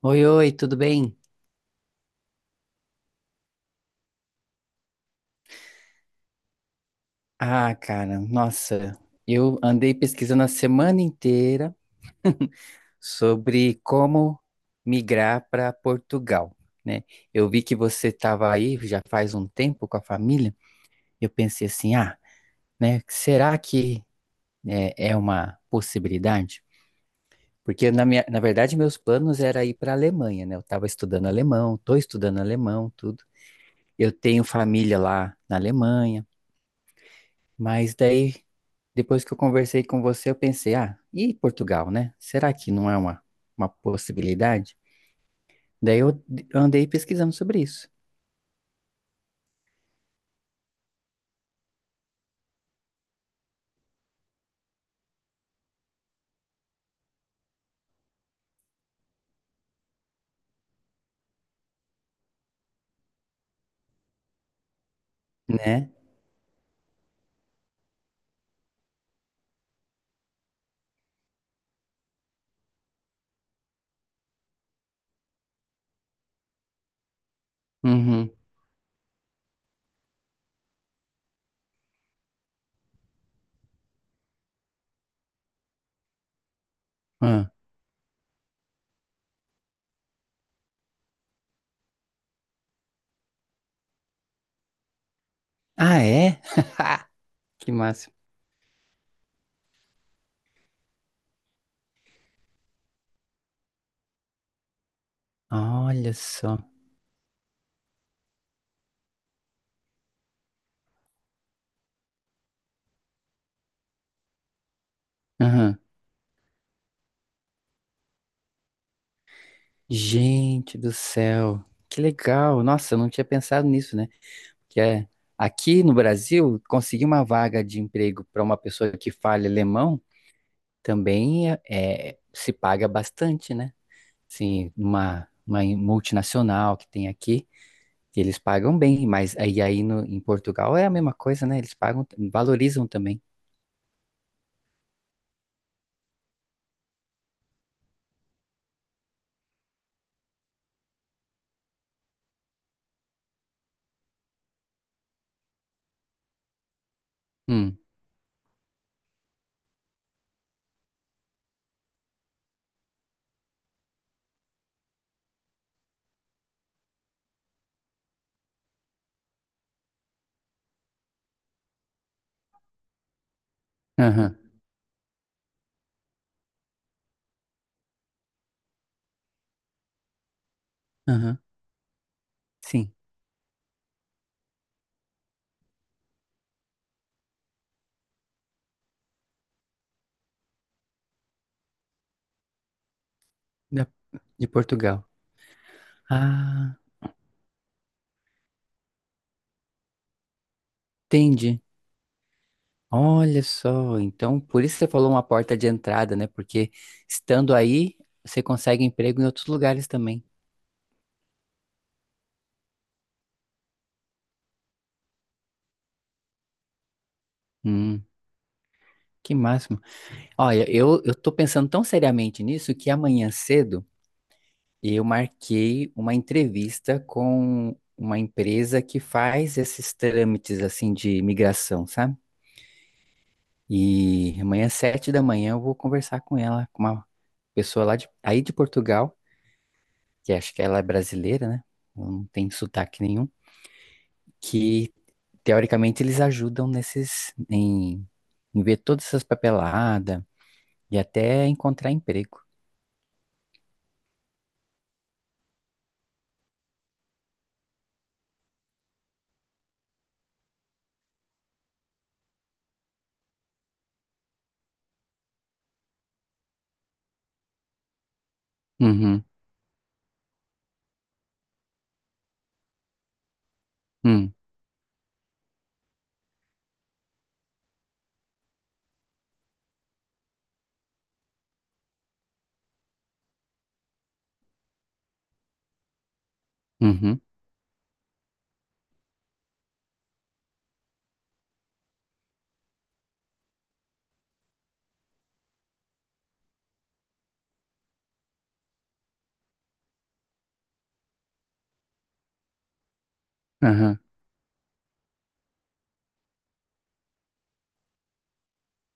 Oi, oi, tudo bem? Ah, cara, nossa, eu andei pesquisando a semana inteira sobre como migrar para Portugal, né? Eu vi que você estava aí já faz um tempo com a família. Eu pensei assim, ah, né? Será que é uma possibilidade? Porque na verdade meus planos era ir para a Alemanha, né? Eu estava estudando alemão, estou estudando alemão, tudo. Eu tenho família lá na Alemanha. Mas daí, depois que eu conversei com você, eu pensei, ah, e Portugal, né? Será que não é uma possibilidade? Daí andei pesquisando sobre isso, né? Uhum. Ah, ah, é? Que massa. Olha só. Aham. Gente do céu. Que legal. Nossa, eu não tinha pensado nisso, né? Que é aqui no Brasil, conseguir uma vaga de emprego para uma pessoa que fale alemão também se paga bastante, né? Sim, numa uma multinacional que tem aqui, que eles pagam bem, mas aí no, em Portugal é a mesma coisa, né? Eles pagam, valorizam também. Hum, aham, aham, sim, da- de Portugal. Ah, entendi. Olha só, então por isso você falou uma porta de entrada, né? Porque estando aí, você consegue emprego em outros lugares também. Hum, que máximo. Olha, eu tô pensando tão seriamente nisso que amanhã cedo. Eu marquei uma entrevista com uma empresa que faz esses trâmites assim de imigração, sabe? E amanhã, sete da manhã, eu vou conversar com ela, com uma pessoa lá aí de Portugal, que acho que ela é brasileira, né? Ela não tem sotaque nenhum, que teoricamente eles ajudam em ver todas essas papeladas e até encontrar emprego. Uhum, uhum, uhum, uhum.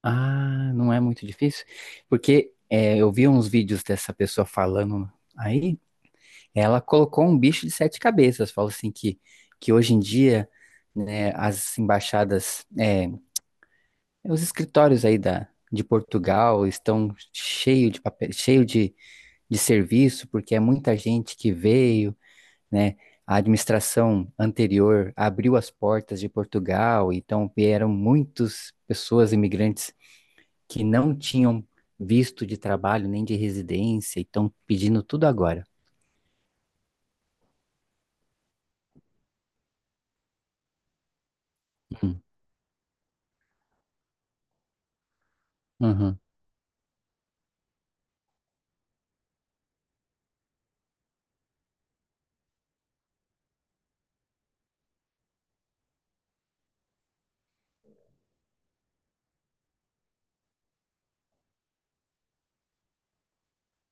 Ah, não é muito difícil, porque é, eu vi uns vídeos dessa pessoa falando aí, ela colocou um bicho de sete cabeças, falou assim que hoje em dia, né, as embaixadas, é, os escritórios aí de Portugal estão cheio de papel, cheio de serviço, porque é muita gente que veio, né, a administração anterior abriu as portas de Portugal, então vieram muitas pessoas imigrantes que não tinham visto de trabalho nem de residência e estão pedindo tudo agora. Hum, uhum,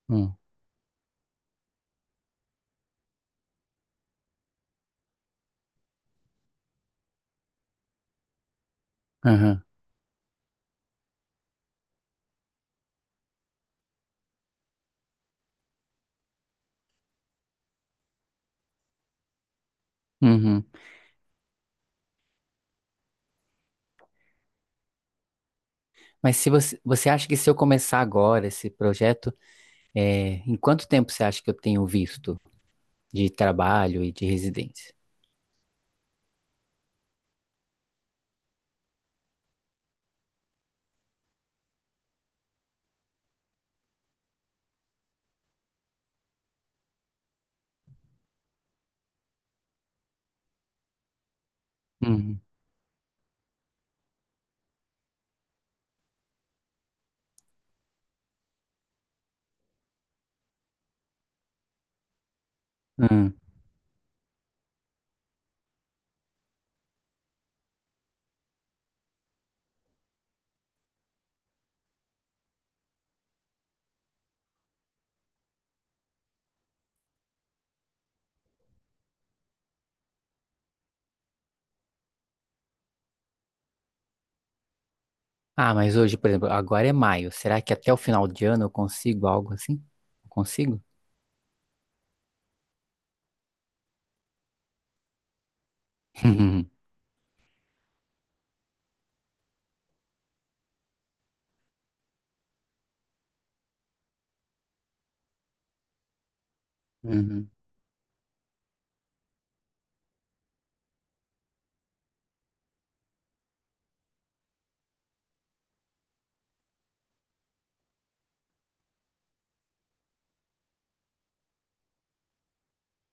hum, uhum, uhum. Mas se você, você acha que se eu começar agora esse projeto, é, em quanto tempo você acha que eu tenho visto de trabalho e de residência? Uhum, uhum. Ah, mas hoje, por exemplo, agora é maio. Será que até o final de ano eu consigo algo assim? Eu consigo? Uhum, uhum,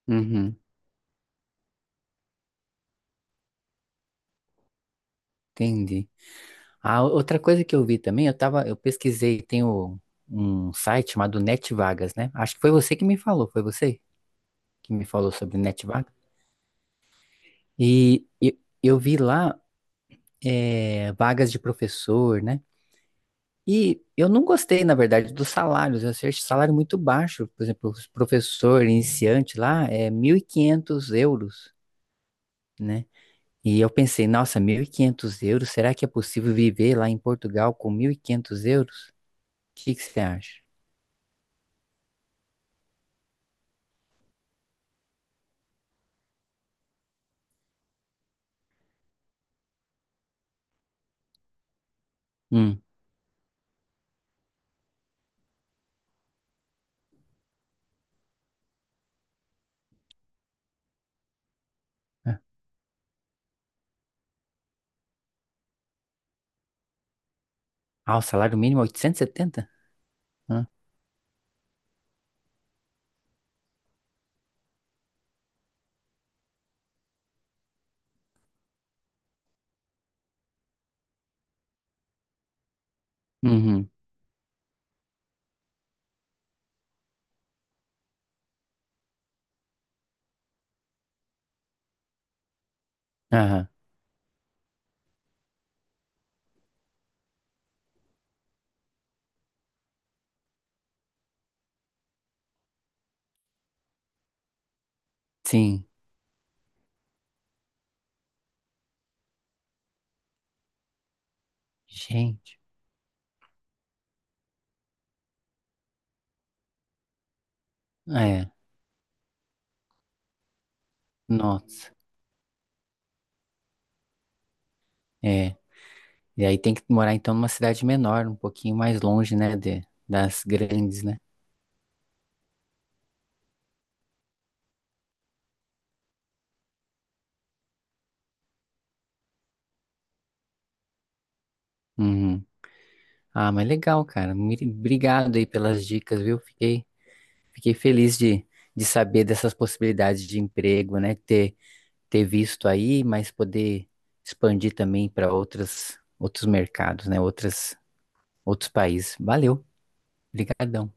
uhum. Entendi. Ah, outra coisa que eu vi também, eu tava, eu pesquisei, um site chamado NetVagas, né? Acho que foi você que me falou, foi você que me falou sobre NetVagas. Vi lá vagas de professor, né? E eu não gostei, na verdade, dos salários. Eu achei salário muito baixo. Por exemplo, os professor iniciante lá é 1.500 euros, né? E eu pensei, nossa, 1.500 euros, será que é possível viver lá em Portugal com 1.500 euros? O que que você acha? Hum. Ah, o salário mínimo é 870? Hã? Uhum. Aham. Sim. Gente. Ah, é. Nossa. É. E aí tem que morar então numa cidade menor, um pouquinho mais longe, né, de, das grandes, né? Uhum. Ah, mas legal, cara. Muito obrigado aí pelas dicas, viu? Fiquei, fiquei feliz de saber dessas possibilidades de emprego, né? Ter, ter visto aí, mas poder expandir também para outras, outros mercados, né? Outras, outros países. Valeu. Obrigadão.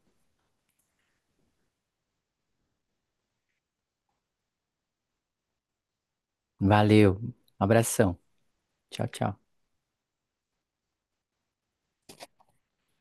Valeu. Abração. Tchau, tchau.